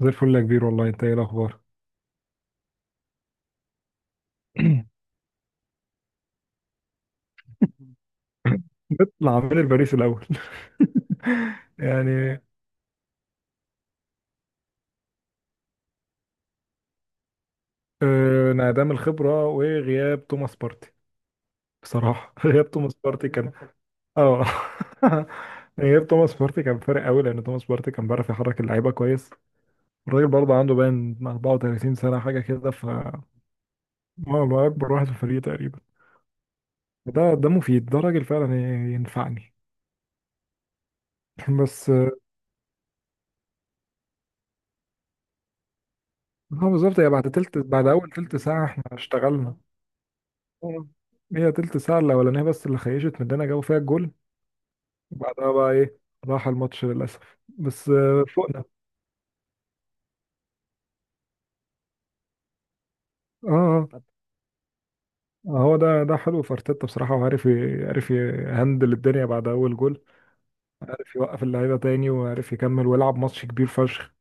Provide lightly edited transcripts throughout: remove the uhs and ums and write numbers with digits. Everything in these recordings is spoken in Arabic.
زي الفل يا كبير والله. انت ايه الاخبار؟ نطلع من الباريس الاول. يعني انعدام الخبره وغياب توماس بارتي. بصراحه غياب توماس بارتي كان. اه. غياب توماس بارتي كان فارق قوي، لان توماس بارتي كان بيعرف يحرك اللعيبه كويس. الراجل برضه عنده باين 34 سنه حاجه كده، ف هو هو اكبر واحد في الفريق تقريبا. ده مفيد، ده راجل فعلا ينفعني. بس هو بالظبط. هي بعد اول تلت ساعه احنا اشتغلنا. مم. هي تلت ساعة الأولانية بس اللي خيشت مننا جابوا فيها الجول، وبعدها بقى إيه، راح الماتش للأسف. بس فوقنا. آه آه، طب هو ده حلو في أرتيتا بصراحة، وعارف عارف يهندل الدنيا بعد أول جول، عارف يوقف اللعيبة تاني، وعارف يكمل ويلعب ماتش كبير فشخ.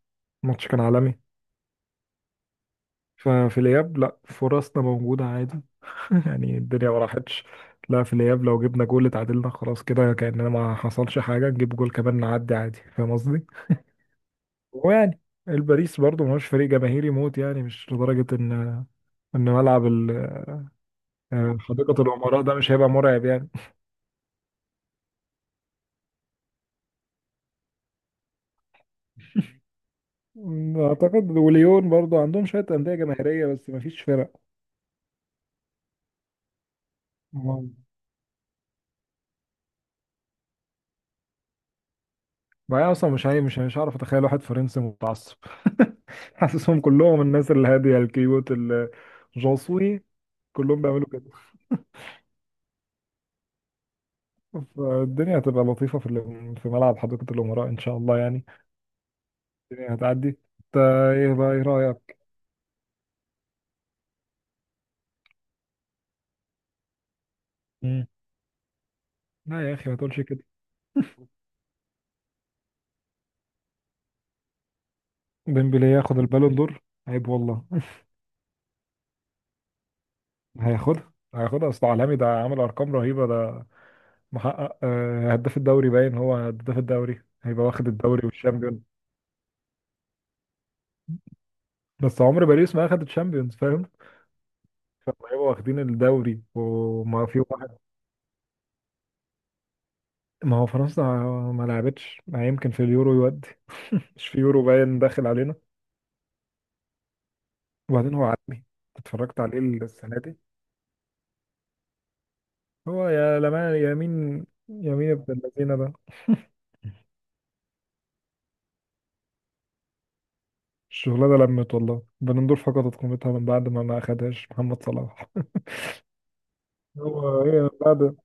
الماتش كان عالمي. ففي الإياب لأ، فرصنا موجودة عادي. يعني الدنيا ما راحتش. لا، في الإياب لو جبنا جول اتعادلنا، خلاص كده كأننا ما حصلش حاجة، نجيب جول كمان نعدي عادي. فاهم قصدي؟ ويعني الباريس برضه مش فريق جماهيري موت، يعني مش لدرجة ان ملعب حديقة الامراء ده مش هيبقى مرعب يعني. اعتقد وليون برضه عندهم شوية أندية جماهيرية، بس مفيش فرق. أمم. بقى اصلا مش، هي مش هعرف اتخيل واحد فرنسي متعصب. حاسسهم كلهم الناس الهادية الكيوت، الجوسوي، كلهم بيعملوا كده. فالدنيا هتبقى لطيفة في ملعب حديقة الامراء ان شاء الله يعني. الدنيا هتعدي انت. ايه بقى، ايه رأيك؟ مم. لا يا اخي ما تقولش كده. ديمبلي ياخد البالون دور؟ عيب والله. هياخدها هياخدها، اصل عالمي، ده عامل ارقام رهيبه ده. محقق هداف الدوري باين، هو هداف الدوري هيبقى واخد الدوري والشامبيون. بس عمر باريس ما اخد الشامبيونز فاهم؟ فهيبقوا واخدين الدوري وما في واحد. ما هو فرنسا ما لعبتش، ما يمكن في اليورو يودي. مش في يورو باين داخل علينا. وبعدين هو عالمي، اتفرجت عليه السنه دي. هو يا لمان، يمين ابن اللذينه ده. الشغلانة لمت والله، بنندور فقدت قيمتها من بعد ما أخدهاش محمد صلاح. هو ايه من بعد؟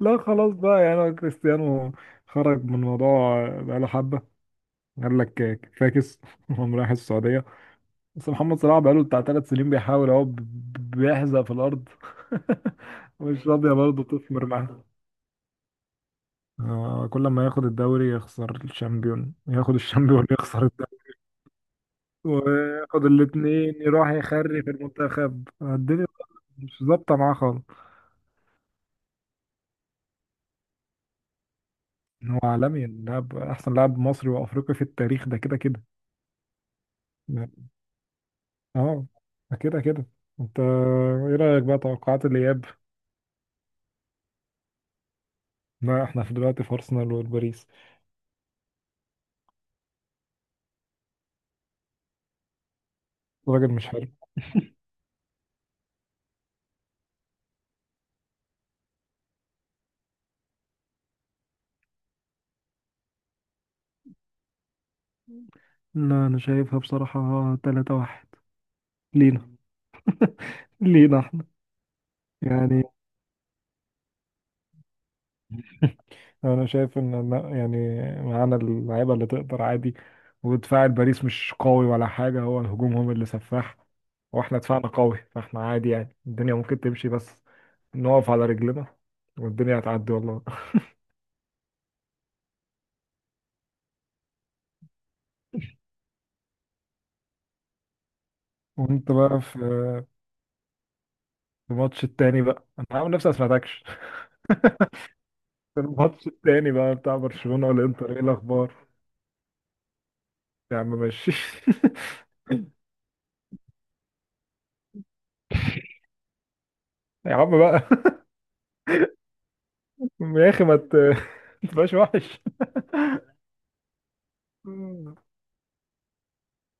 لا خلاص بقى، يعني هو كريستيانو خرج من الموضوع بقاله حبة، قال لك فاكس، وقام رايح السعودية. بس محمد صلاح بقاله بتاع ثلاث سنين بيحاول اهو، بيحزق في الأرض. مش راضية برضه تثمر معاه. كل ما ياخد الدوري يخسر الشامبيون، ياخد الشامبيون يخسر الدوري، وياخد الاتنين يروح يخري في المنتخب. الدنيا مش ظابطة معاه خالص. هو عالمي لاعب، احسن لاعب مصري وافريقي في التاريخ، ده كده كده. اه، ده كده كده. انت ايه رايك بقى توقعات الاياب؟ لا احنا في دلوقتي في ارسنال والباريس. الراجل مش حلو. لا انا شايفها بصراحة 3 واحد لينا لينا احنا يعني. انا شايف ان يعني معانا اللعيبه اللي تقدر عادي، ودفاع الباريس مش قوي ولا حاجه، هو الهجوم هم اللي سفاح، واحنا دفاعنا قوي، فاحنا عادي يعني الدنيا ممكن تمشي، بس نقف على رجلنا والدنيا هتعدي والله. وانت بقى في الماتش التاني بقى، انا عامل نفسي ما سمعتكش. في الماتش التاني بقى بتاع برشلونه والانتر، ايه الاخبار؟ يا عم ماشي. يا عم بقى. يا اخي ما ما تبقاش وحش.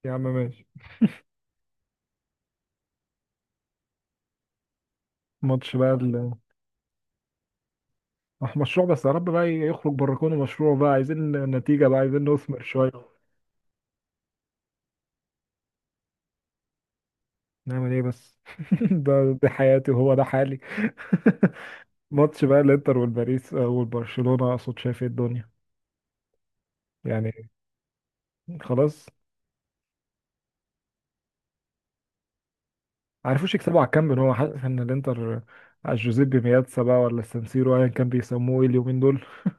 يا عم ماشي. ماتش بقى، مش مشروع بس، يا رب بقى يخرج بره كونه مشروع بقى، عايزين نتيجة بقى، عايزين نثمر شوية. نعمل ايه بس؟ دي حياتي وهو ده حالي. ماتش بقى الانتر والباريس والبرشلونة اقصد، شايف ايه الدنيا؟ يعني خلاص. عارفوش يكسبوا على الكامب، ان هو حاسس ان الانتر على جوزيبي مياتسا بقى ولا السانسيرو، ايا كان بيسموه إيه اليومين دول؟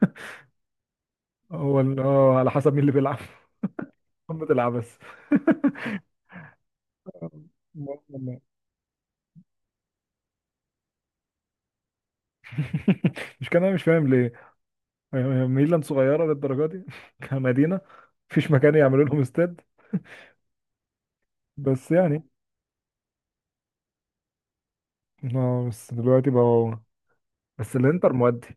هو ال- اه على حسب مين اللي بيلعب. قمة العبث. مش كان، انا مش فاهم ليه ميلان صغيرة للدرجة دي، كمدينة، مفيش مكان يعملوا لهم استاد. بس يعني، اه بس دلوقتي بقى، بس الانتر مؤدي.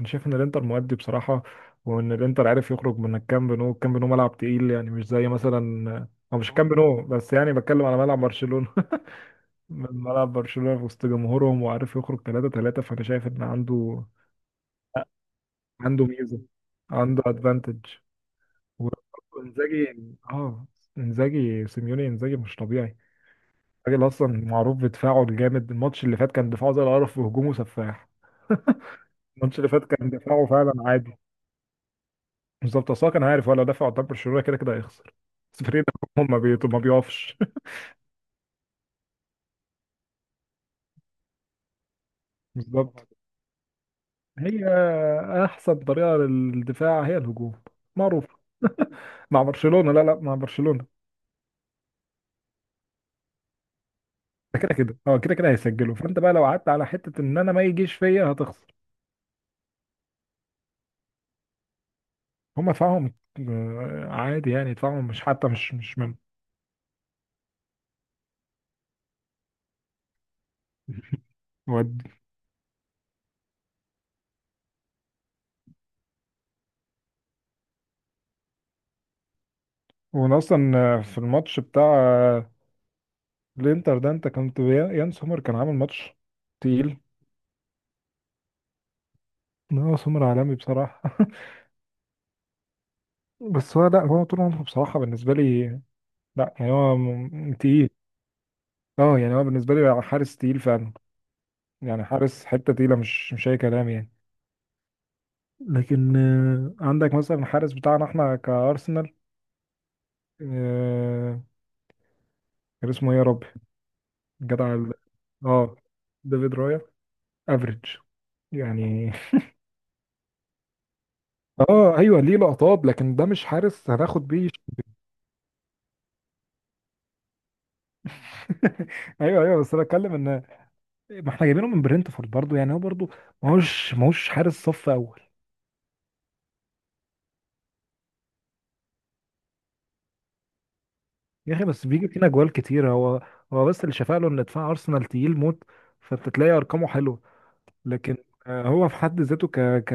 انا شايف ان الانتر مؤدي بصراحة، وان الانتر عارف يخرج من الكامب نو. الكامب نو ملعب تقيل، يعني مش زي مثلا، او مش كامب نو بس، يعني بتكلم على ملعب برشلونة. من ملعب برشلونة في وسط جمهورهم وعارف يخرج 3-3، فانا شايف ان عنده ميزة، عنده ادفانتج. وانزاجي، اه، انزاجي سيميوني، انزاجي مش طبيعي. الراجل اصلا معروف بدفاعه الجامد، الماتش اللي فات كان دفاعه زي القرف وهجومه سفاح. الماتش اللي فات كان دفاعه فعلا عادي. بالظبط، اصلا كان عارف هو لو دفع قدام برشلونه كده كده هيخسر. بس فريق ده ما بيقفش. بالظبط، هي احسن طريقه للدفاع هي الهجوم، معروف. مع برشلونه لا لا، مع برشلونه ده كده كده، اه كده كده هيسجلوا، فانت بقى لو قعدت على حته ان انا ما يجيش فيا هتخسر. هما دفاعهم عادي يعني، دفاعهم مش حتى مش من. ودي، وانا اصلا في الماتش بتاع الانتر ده، انت كنت، يان سومر كان عامل ماتش تقيل. لا سومر عالمي بصراحة. بس هو، لا هو طول عمره بصراحة بالنسبة لي، لا يعني هو تقيل. اه، يعني هو بالنسبة لي حارس تقيل فعلا، يعني حارس حتة تقيلة، مش أي كلام يعني. لكن عندك مثلا الحارس بتاعنا احنا كأرسنال، آه، كان اسمه ايه يا ربي؟ جدع اه ديفيد رايا. افريج يعني. اه ايوه، ليه لقطات، لكن ده مش حارس هناخد بيه. ايوه ايوه، بس انا اتكلم ان، ما احنا جايبينه من برنتفورد برضو، يعني هو برضو ماهوش حارس صف اول. يا اخي بس بيجي فينا جوال كتير هو. هو بس اللي شفاله ان دفاع ارسنال تقيل موت، فانت تلاقي ارقامه حلوه. لكن هو في حد ذاته ك ك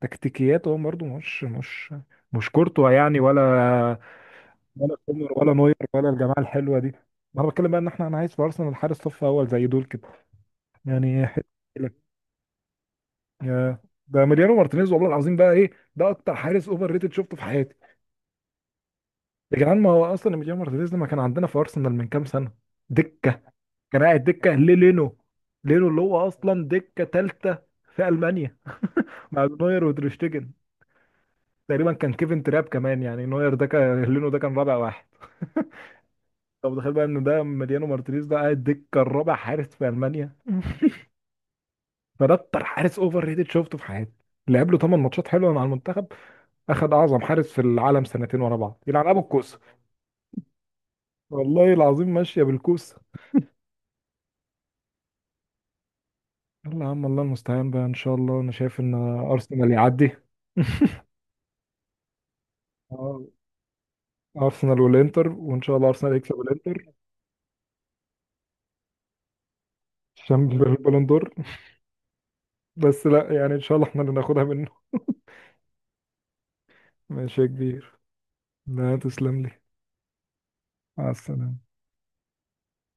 تكتيكيات هو برضو مش كورتوا يعني، ولا سومر ولا نوير ولا الجماعه الحلوه دي. ما انا بتكلم بقى ان انا عايز في ارسنال حارس صف اول زي دول كده يعني. يا، ده ماريانو مارتينيز والله العظيم بقى ايه؟ ده اكتر حارس اوفر ريتد شفته في حياتي. يا جدعان ما هو اصلا ماريانو مارتينيز لما كان عندنا في ارسنال من كام سنه، دكه، كان قاعد دكه للينو، لينو اللي هو اصلا دكه ثالثه في المانيا مع نوير وتريشتيجن، تقريبا كان كيفن تراب كمان، يعني نوير ده كان، لينو ده كان رابع واحد. طب تخيل بقى ان ده ماريانو مارتينيز ده قاعد دكه الرابع حارس في المانيا. فده اكتر حارس اوفر ريتد شفته في حياتي. لعب له 8 ماتشات حلوه مع المنتخب، اخد اعظم حارس في العالم سنتين ورا بعض، يلعن ابو الكوسه. والله العظيم ماشيه بالكوسه. يلا يا عم، الله المستعان بقى، ان شاء الله، انا شايف ان ارسنال يعدي. آه، ارسنال والانتر، وان شاء الله ارسنال يكسب الانتر، عشان البالون دور. بس لا يعني، ان شاء الله احنا اللي ناخدها منه. ماشي يا كبير. لا، تسلم لي. مع السلامه.